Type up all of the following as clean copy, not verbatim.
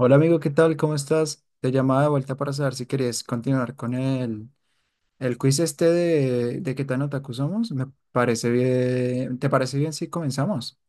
Hola amigo, ¿qué tal? ¿Cómo estás? Te llamaba de vuelta para saber si querías continuar con el quiz este de qué tan otaku somos. Me parece bien. ¿Te parece bien si comenzamos?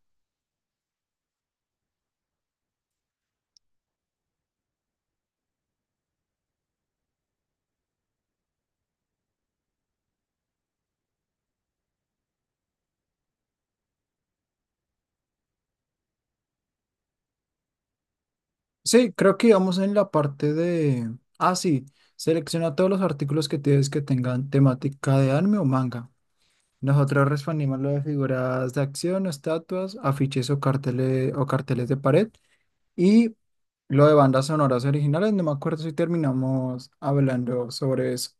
Sí, creo que íbamos en la parte de... Ah, sí. Selecciona todos los artículos que tienes que tengan temática de anime o manga. Nosotros respondimos lo de figuras de acción, estatuas, afiches o carteles de pared. Y lo de bandas sonoras originales. No me acuerdo si terminamos hablando sobre eso.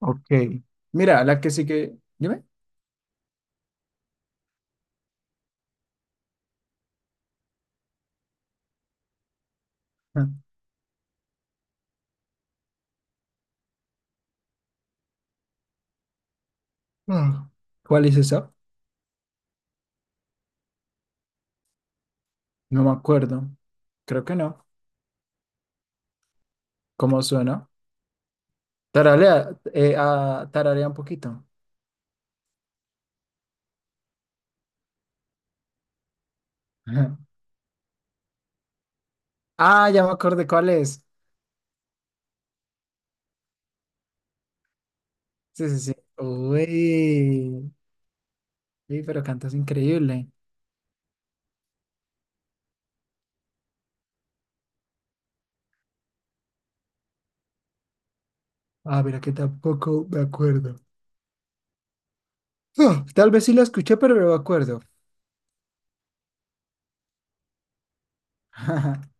Ok. Mira, la que sigue. Dime. Ah. Ah. ¿Cuál es esa? No me acuerdo. Creo que no. ¿Cómo suena? Taralea, tararea un poquito. Ajá. Ah, ya me acordé cuál es. Sí, sí, sí. Uy. Sí, pero cantas increíble. Ah, mira que tampoco me acuerdo. Ah, tal vez sí la escuché, pero no me acuerdo.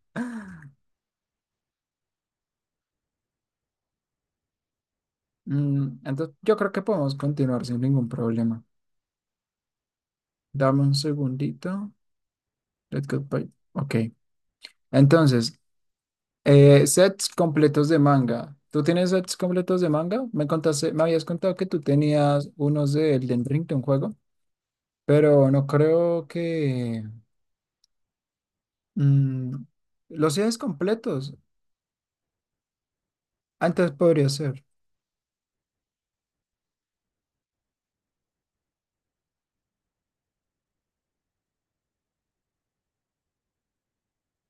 Entonces, yo creo que podemos continuar sin ningún problema. Dame un segundito. Let's go. Bye. Ok. Entonces, sets completos de manga. ¿Tú tienes sets completos de manga? Me habías contado que tú tenías unos de Elden Ring de un juego, pero no creo que mm, los sets completos. Antes podría ser.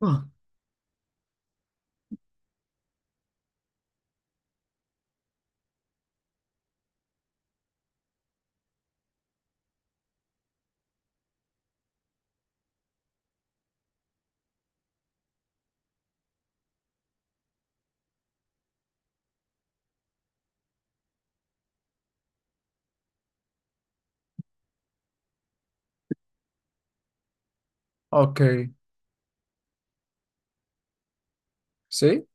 Ah, Ok. ¿Sí?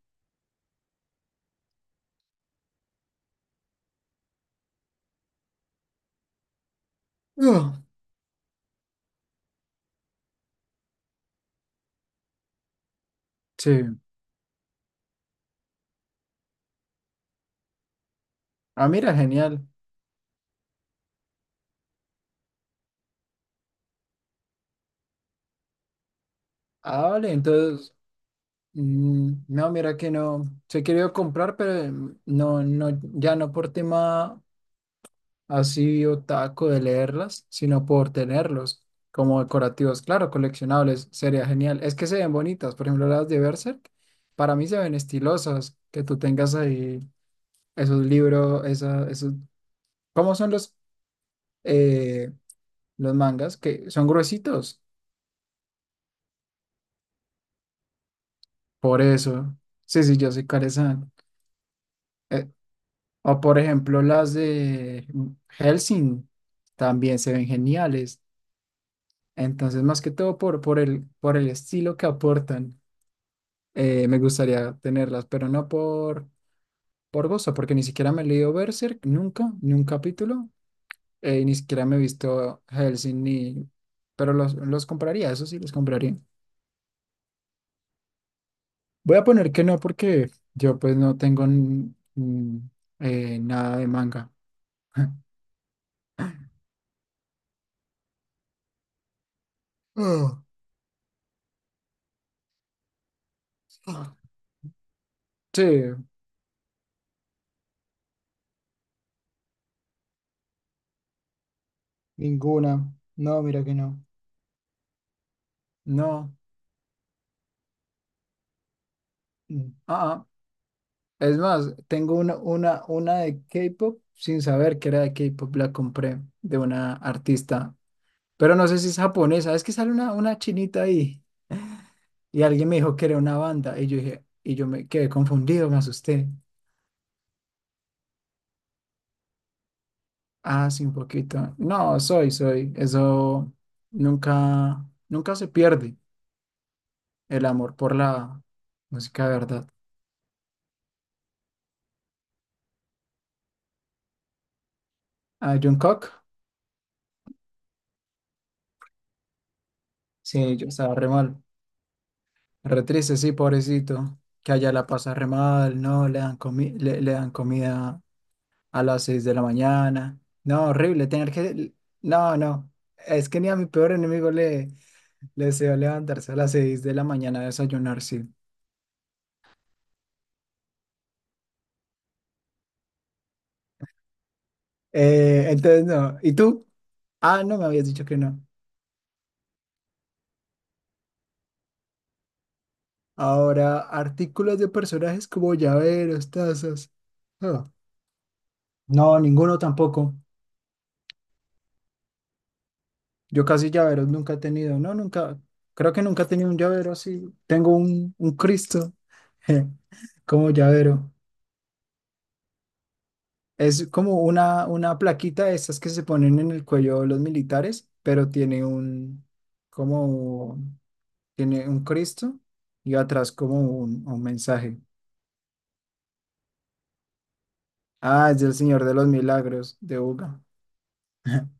ah. ¿Sí? Ah, mira, genial. Ah, vale, entonces, mm, no, mira que no. Se quería comprar, pero mm, no, no, ya no por tema, así otaku de leerlas, sino por tenerlos como decorativos. Claro, coleccionables, sería genial. Es que se ven bonitas, por ejemplo, las de Berserk, para mí se ven estilosas, que tú tengas ahí esos libros, esa, esos... ¿Cómo son eh, los mangas? Que son gruesitos, por eso. Sí, sí, yo soy carezán. Eh, o por ejemplo, las de Helsing, también se ven geniales. Entonces, más que todo por el estilo que aportan. Eh, me gustaría tenerlas, pero no por, por gozo, porque ni siquiera me he leído Berserk, nunca, ni un capítulo, y ni siquiera me he visto Hellsing, ni... pero los compraría, eso sí, los compraría. Voy a poner que no, porque yo pues no tengo nada de manga. Ah, ah. Sí, ninguna. No, mira que no. No. Mm. Ah, ah. Es más, tengo una de K-pop sin saber que era de K-pop, la compré de una artista, pero no sé si es japonesa, es que sale una chinita ahí y alguien me dijo que era una banda y yo dije, y yo me quedé confundido, me asusté. Ah, sí, un poquito. Soy. Eso nunca, nunca se pierde el amor por la música de verdad. Ah, Jungkook, sí, yo estaba re mal. Re triste, sí, pobrecito, que allá la pasa re mal, no, le dan comida a las 6 de la mañana. No, horrible, tener que... No, no, es que ni a mi peor enemigo le deseo levantarse a las 6 de la mañana a desayunar, sí. Entonces, no, ¿y tú? Ah, no, me habías dicho que no. Ahora, artículos de personajes como llaveros, tazas. Ah, no, ninguno tampoco. Yo casi llaveros nunca he tenido, no, nunca, creo que nunca he tenido un llavero así. Tengo un Cristo como llavero. Es como una plaquita de esas que se ponen en el cuello los militares, pero tiene como, tiene un Cristo y atrás como un mensaje. Ah, es del Señor de los Milagros de Buga.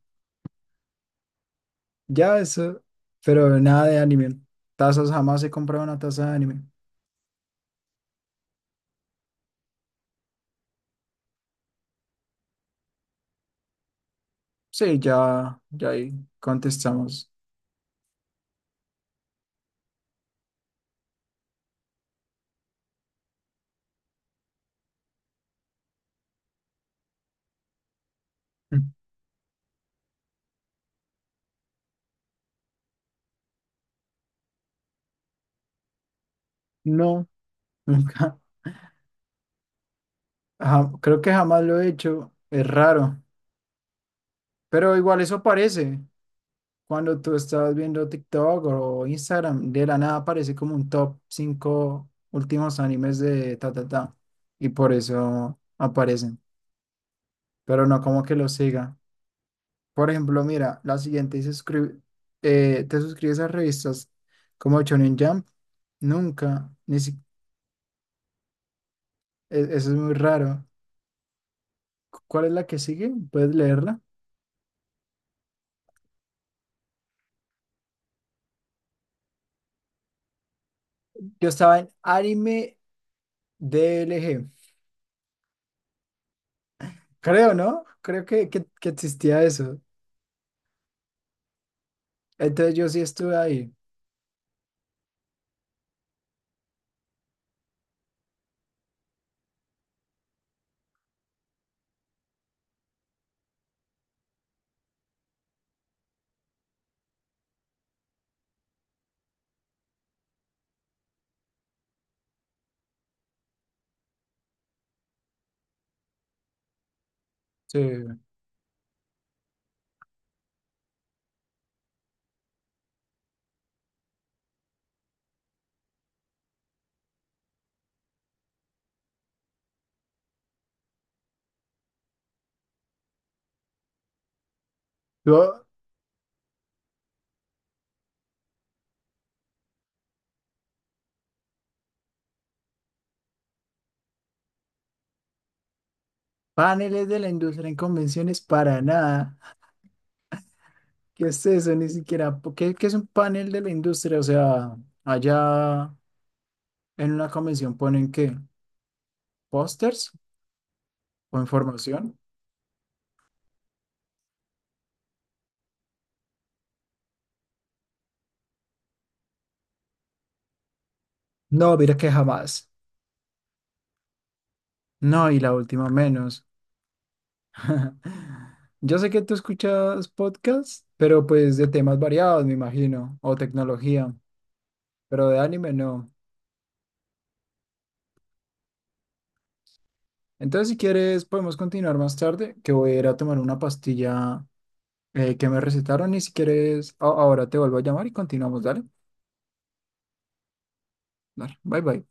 Ya eso, pero nada de anime. Tazas, jamás he comprado una taza de anime. Sí, ya ahí contestamos. No, nunca. Creo que jamás lo he hecho. Es raro. Pero igual eso aparece. Cuando tú estás viendo TikTok o Instagram, de la nada aparece como un top 5 últimos animes de ta ta ta. Y por eso aparecen. Pero no como que lo siga. Por ejemplo, mira, la siguiente dice, ¿te suscribes a revistas como Shonen Jump? Nunca. Ni si- e- Eso es muy raro. ¿Cuál es la que sigue? ¿Puedes leerla? Yo estaba en anime DLG. Creo, ¿no? Creo que existía eso. Entonces yo sí estuve ahí. Sí. Yo, paneles de la industria en convenciones, para nada. ¿Qué es eso? Ni siquiera. ¿Qué es un panel de la industria? O sea, allá en una convención ¿ponen qué? ¿Pósters o información? No, mira que jamás. No, y la última menos. Yo sé que tú escuchas podcasts, pero pues de temas variados, me imagino, o tecnología, pero de anime no. Entonces, si quieres, podemos continuar más tarde, que voy a ir a tomar una pastilla que me recetaron y si quieres, ahora te vuelvo a llamar y continuamos, dale. Dale, bye bye.